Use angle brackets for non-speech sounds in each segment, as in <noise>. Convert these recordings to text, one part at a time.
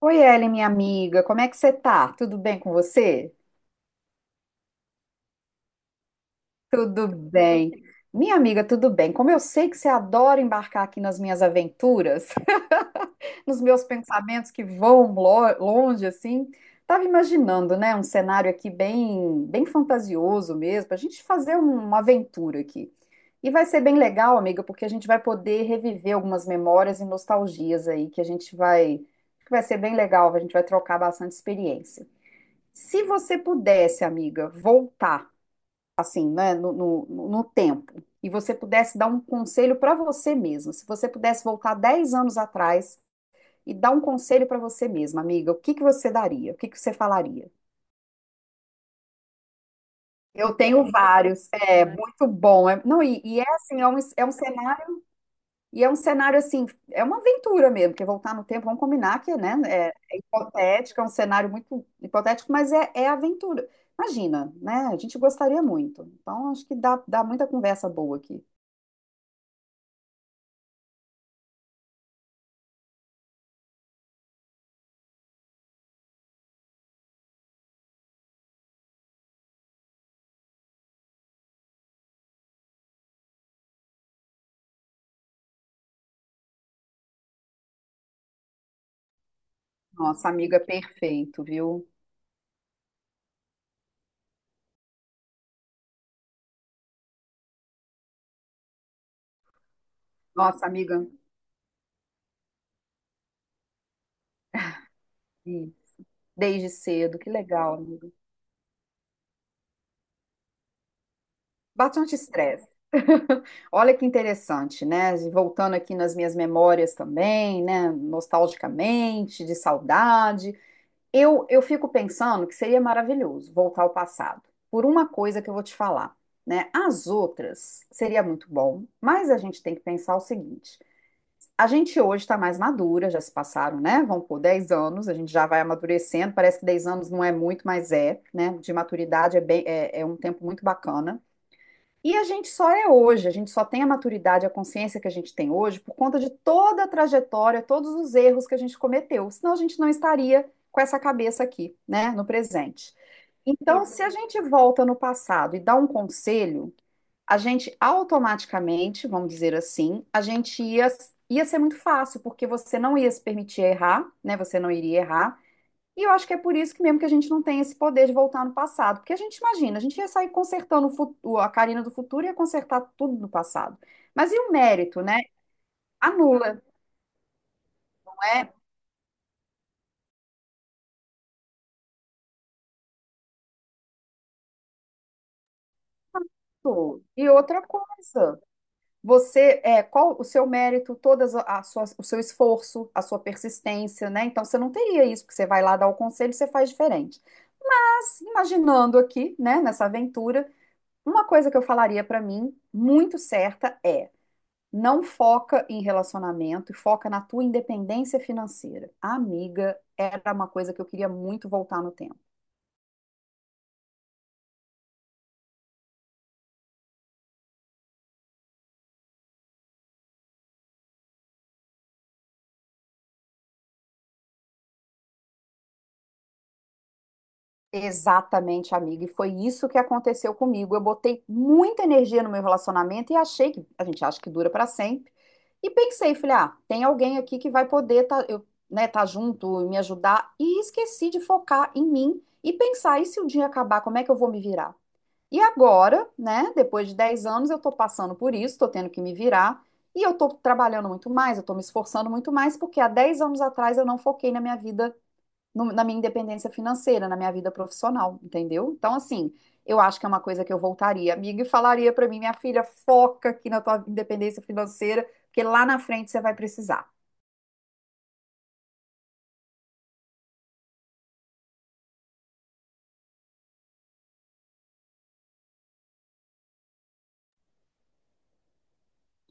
Oi, Ellen, minha amiga, como é que você tá? Tudo bem com você? Tudo bem. Minha amiga, tudo bem. Como eu sei que você adora embarcar aqui nas minhas aventuras, <laughs> nos meus pensamentos que voam longe, assim, tava imaginando, né, um cenário aqui bem, bem fantasioso mesmo, pra gente fazer uma aventura aqui. E vai ser bem legal, amiga, porque a gente vai poder reviver algumas memórias e nostalgias aí, que vai ser bem legal, a gente vai trocar bastante experiência. Se você pudesse, amiga, voltar assim, né, no tempo, e você pudesse dar um conselho para você mesma, se você pudesse voltar 10 anos atrás e dar um conselho para você mesma, amiga, o que que você daria? O que que você falaria? Eu tenho vários, é muito bom. Não, e é assim, é um cenário. E é um cenário assim, é uma aventura mesmo, porque voltar no tempo, vamos combinar que, né, é hipotético, é um cenário muito hipotético, mas é aventura. Imagina, né? A gente gostaria muito. Então, acho que dá muita conversa boa aqui. Nossa, amiga, perfeito, viu? Nossa, amiga, sim, desde cedo, que legal, amiga. Bastante estresse. <laughs> Olha que interessante, né? Voltando aqui nas minhas memórias também, né? Nostalgicamente, de saudade. Eu fico pensando que seria maravilhoso voltar ao passado, por uma coisa que eu vou te falar, né? As outras seria muito bom, mas a gente tem que pensar o seguinte: a gente hoje está mais madura, já se passaram, né? Vão por 10 anos, a gente já vai amadurecendo. Parece que 10 anos não é muito, mas é, né? De maturidade é bem, é um tempo muito bacana. E a gente só é hoje, a gente só tem a maturidade, a consciência que a gente tem hoje por conta de toda a trajetória, todos os erros que a gente cometeu, senão a gente não estaria com essa cabeça aqui, né, no presente. Então, se a gente volta no passado e dá um conselho, a gente automaticamente, vamos dizer assim, ia ser muito fácil, porque você não ia se permitir errar, né, você não iria errar. E eu acho que é por isso que mesmo que a gente não tem esse poder de voltar no passado, porque a gente imagina, a gente ia sair consertando o futuro, a Karina do futuro ia consertar tudo no passado. Mas e o mérito, né? Anula, não é? Pô, e outra coisa, você, é, qual o seu mérito, todas a sua- o seu esforço, a sua persistência, né? Então você não teria isso, porque você vai lá dar o conselho e você faz diferente. Mas imaginando aqui, né, nessa aventura, uma coisa que eu falaria para mim muito certa é: não foca em relacionamento e foca na tua independência financeira. Amiga, era uma coisa que eu queria muito voltar no tempo. Exatamente, amiga. E foi isso que aconteceu comigo. Eu botei muita energia no meu relacionamento e achei que a gente acha que dura para sempre. E pensei, falei, ah, tem alguém aqui que vai poder tá, eu, né, tá junto e me ajudar. E esqueci de focar em mim e pensar, e se o dia acabar, como é que eu vou me virar? E agora, né, depois de 10 anos, eu estou passando por isso, estou tendo que me virar, e eu estou trabalhando muito mais, eu estou me esforçando muito mais, porque há 10 anos atrás eu não foquei na minha vida, na minha independência financeira, na minha vida profissional, entendeu? Então, assim, eu acho que é uma coisa que eu voltaria, amiga, e falaria para mim, minha filha, foca aqui na tua independência financeira, porque lá na frente você vai precisar.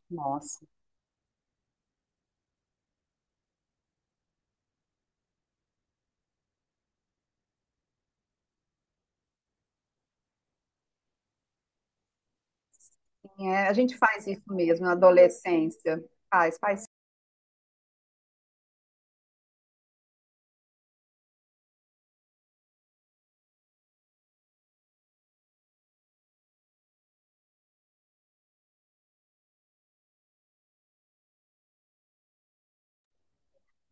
Nossa. É, a gente faz isso mesmo na adolescência. Faz, faz.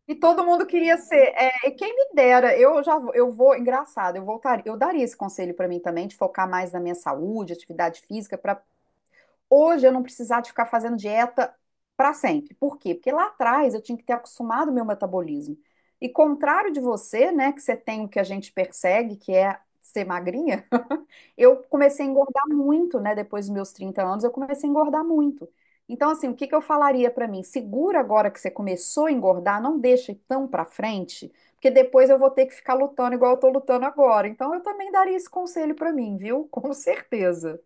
E todo mundo queria ser. É, e quem me dera, eu vou, engraçado, eu voltaria, eu daria esse conselho para mim também, de focar mais na minha saúde, atividade física, para hoje eu não precisar de ficar fazendo dieta para sempre. Por quê? Porque lá atrás eu tinha que ter acostumado o meu metabolismo. E contrário de você, né, que você tem o que a gente persegue, que é ser magrinha, eu comecei a engordar muito, né? Depois dos meus 30 anos, eu comecei a engordar muito. Então, assim, o que que eu falaria pra mim? Segura agora que você começou a engordar, não deixa ir tão pra frente, porque depois eu vou ter que ficar lutando igual eu tô lutando agora. Então, eu também daria esse conselho pra mim, viu? <laughs> Com certeza.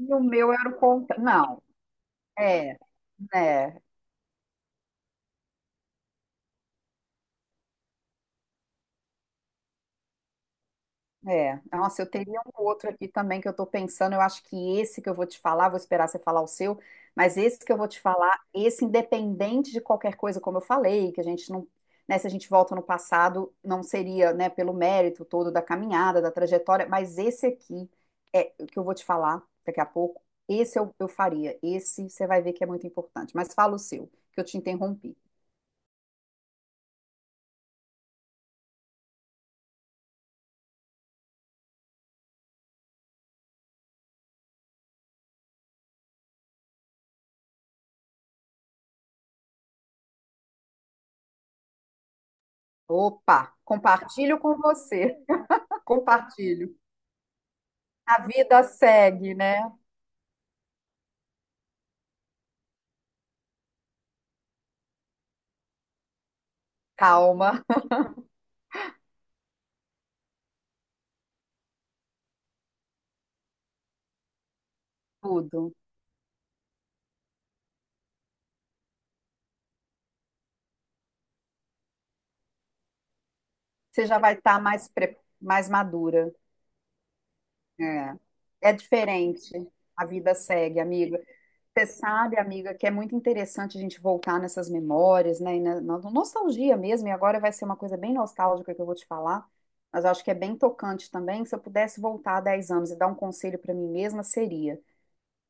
E o meu era o contrário. Não, é, né? É, nossa, eu teria um outro aqui também que eu tô pensando. Eu acho que esse que eu vou te falar, vou esperar você falar o seu, mas esse que eu vou te falar, esse independente de qualquer coisa, como eu falei, que a gente não, né, se a gente volta no passado, não seria, né, pelo mérito todo da caminhada, da trajetória, mas esse aqui é o que eu vou te falar daqui a pouco. Esse eu faria. Esse você vai ver que é muito importante. Mas fala o seu, que eu te interrompi. Opa, compartilho com você. <laughs> Compartilho. A vida segue, né? Calma. Tudo. Você já vai estar mais, mais madura. É. É diferente. A vida segue, amiga. Você sabe, amiga, que é muito interessante a gente voltar nessas memórias, né? E na nostalgia mesmo. E agora vai ser uma coisa bem nostálgica que eu vou te falar. Mas eu acho que é bem tocante também. Se eu pudesse voltar 10 anos e dar um conselho para mim mesma, seria: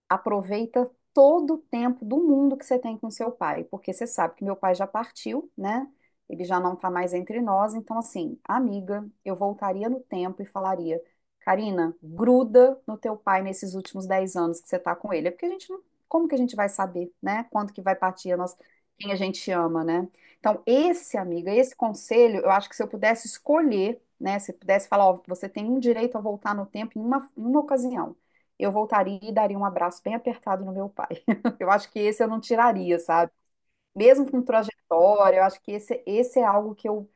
aproveita todo o tempo do mundo que você tem com seu pai, porque você sabe que meu pai já partiu, né? Ele já não tá mais entre nós, então assim, amiga, eu voltaria no tempo e falaria, Karina, gruda no teu pai nesses últimos 10 anos que você tá com ele, é porque a gente não, como que a gente vai saber, né? Quando que vai partir a nossa, quem a gente ama, né? Então, esse, amiga, esse conselho, eu acho que se eu pudesse escolher, né, se eu pudesse falar, ó, você tem um direito a voltar no tempo em em uma ocasião eu voltaria e daria um abraço bem apertado no meu pai. <laughs> Eu acho que esse eu não tiraria, sabe? Mesmo com trajetória, eu acho que esse é algo que eu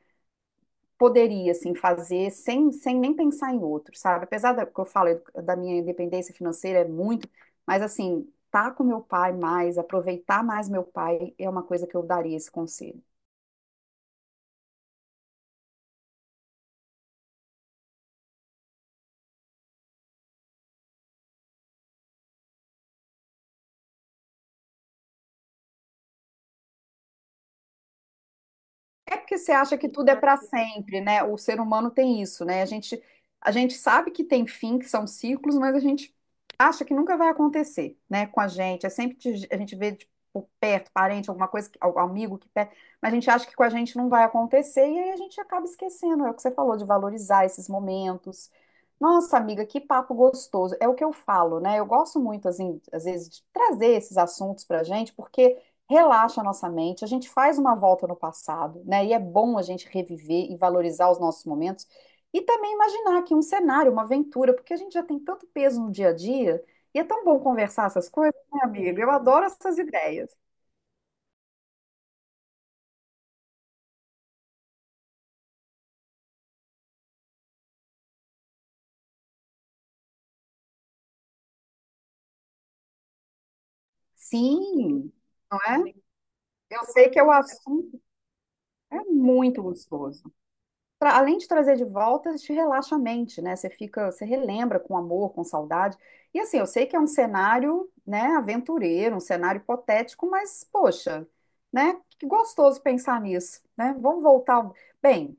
poderia, assim, fazer sem, nem pensar em outro, sabe? Apesar da, que eu falo da minha independência financeira, é muito, mas, assim, tá com meu pai mais, aproveitar mais meu pai, é uma coisa que eu daria esse conselho. É porque você acha que tudo é para sempre, né? O ser humano tem isso, né? A gente sabe que tem fim, que são ciclos, mas a gente acha que nunca vai acontecer, né? Com a gente. É sempre que a gente vê tipo, por perto, parente, alguma coisa, algum amigo que perto, mas a gente acha que com a gente não vai acontecer e aí a gente acaba esquecendo. É o que você falou de valorizar esses momentos. Nossa, amiga, que papo gostoso. É o que eu falo, né? Eu gosto muito, assim, às vezes, de trazer esses assuntos pra gente, porque relaxa a nossa mente, a gente faz uma volta no passado, né? E é bom a gente reviver e valorizar os nossos momentos e também imaginar aqui um cenário, uma aventura, porque a gente já tem tanto peso no dia a dia e é tão bom conversar essas coisas, né, amiga? Eu adoro essas ideias. Sim, não é? Eu sei que é o assunto, é muito gostoso. Além de trazer de volta, te relaxa a mente, né? Você fica, você relembra com amor, com saudade. E assim, eu sei que é um cenário, né, aventureiro, um cenário hipotético, mas poxa, né? Que gostoso pensar nisso, né? Vamos voltar. Bem,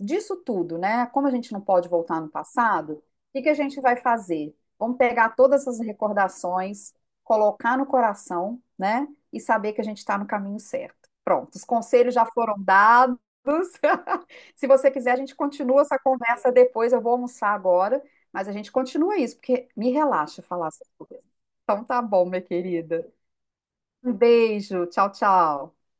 disso tudo, né? Como a gente não pode voltar no passado, o que que a gente vai fazer? Vamos pegar todas essas recordações, colocar no coração, né? E saber que a gente está no caminho certo. Pronto, os conselhos já foram dados. <laughs> Se você quiser, a gente continua essa conversa depois. Eu vou almoçar agora, mas a gente continua isso, porque me relaxa falar essas coisas. Então tá bom, minha querida. Um beijo, tchau, tchau.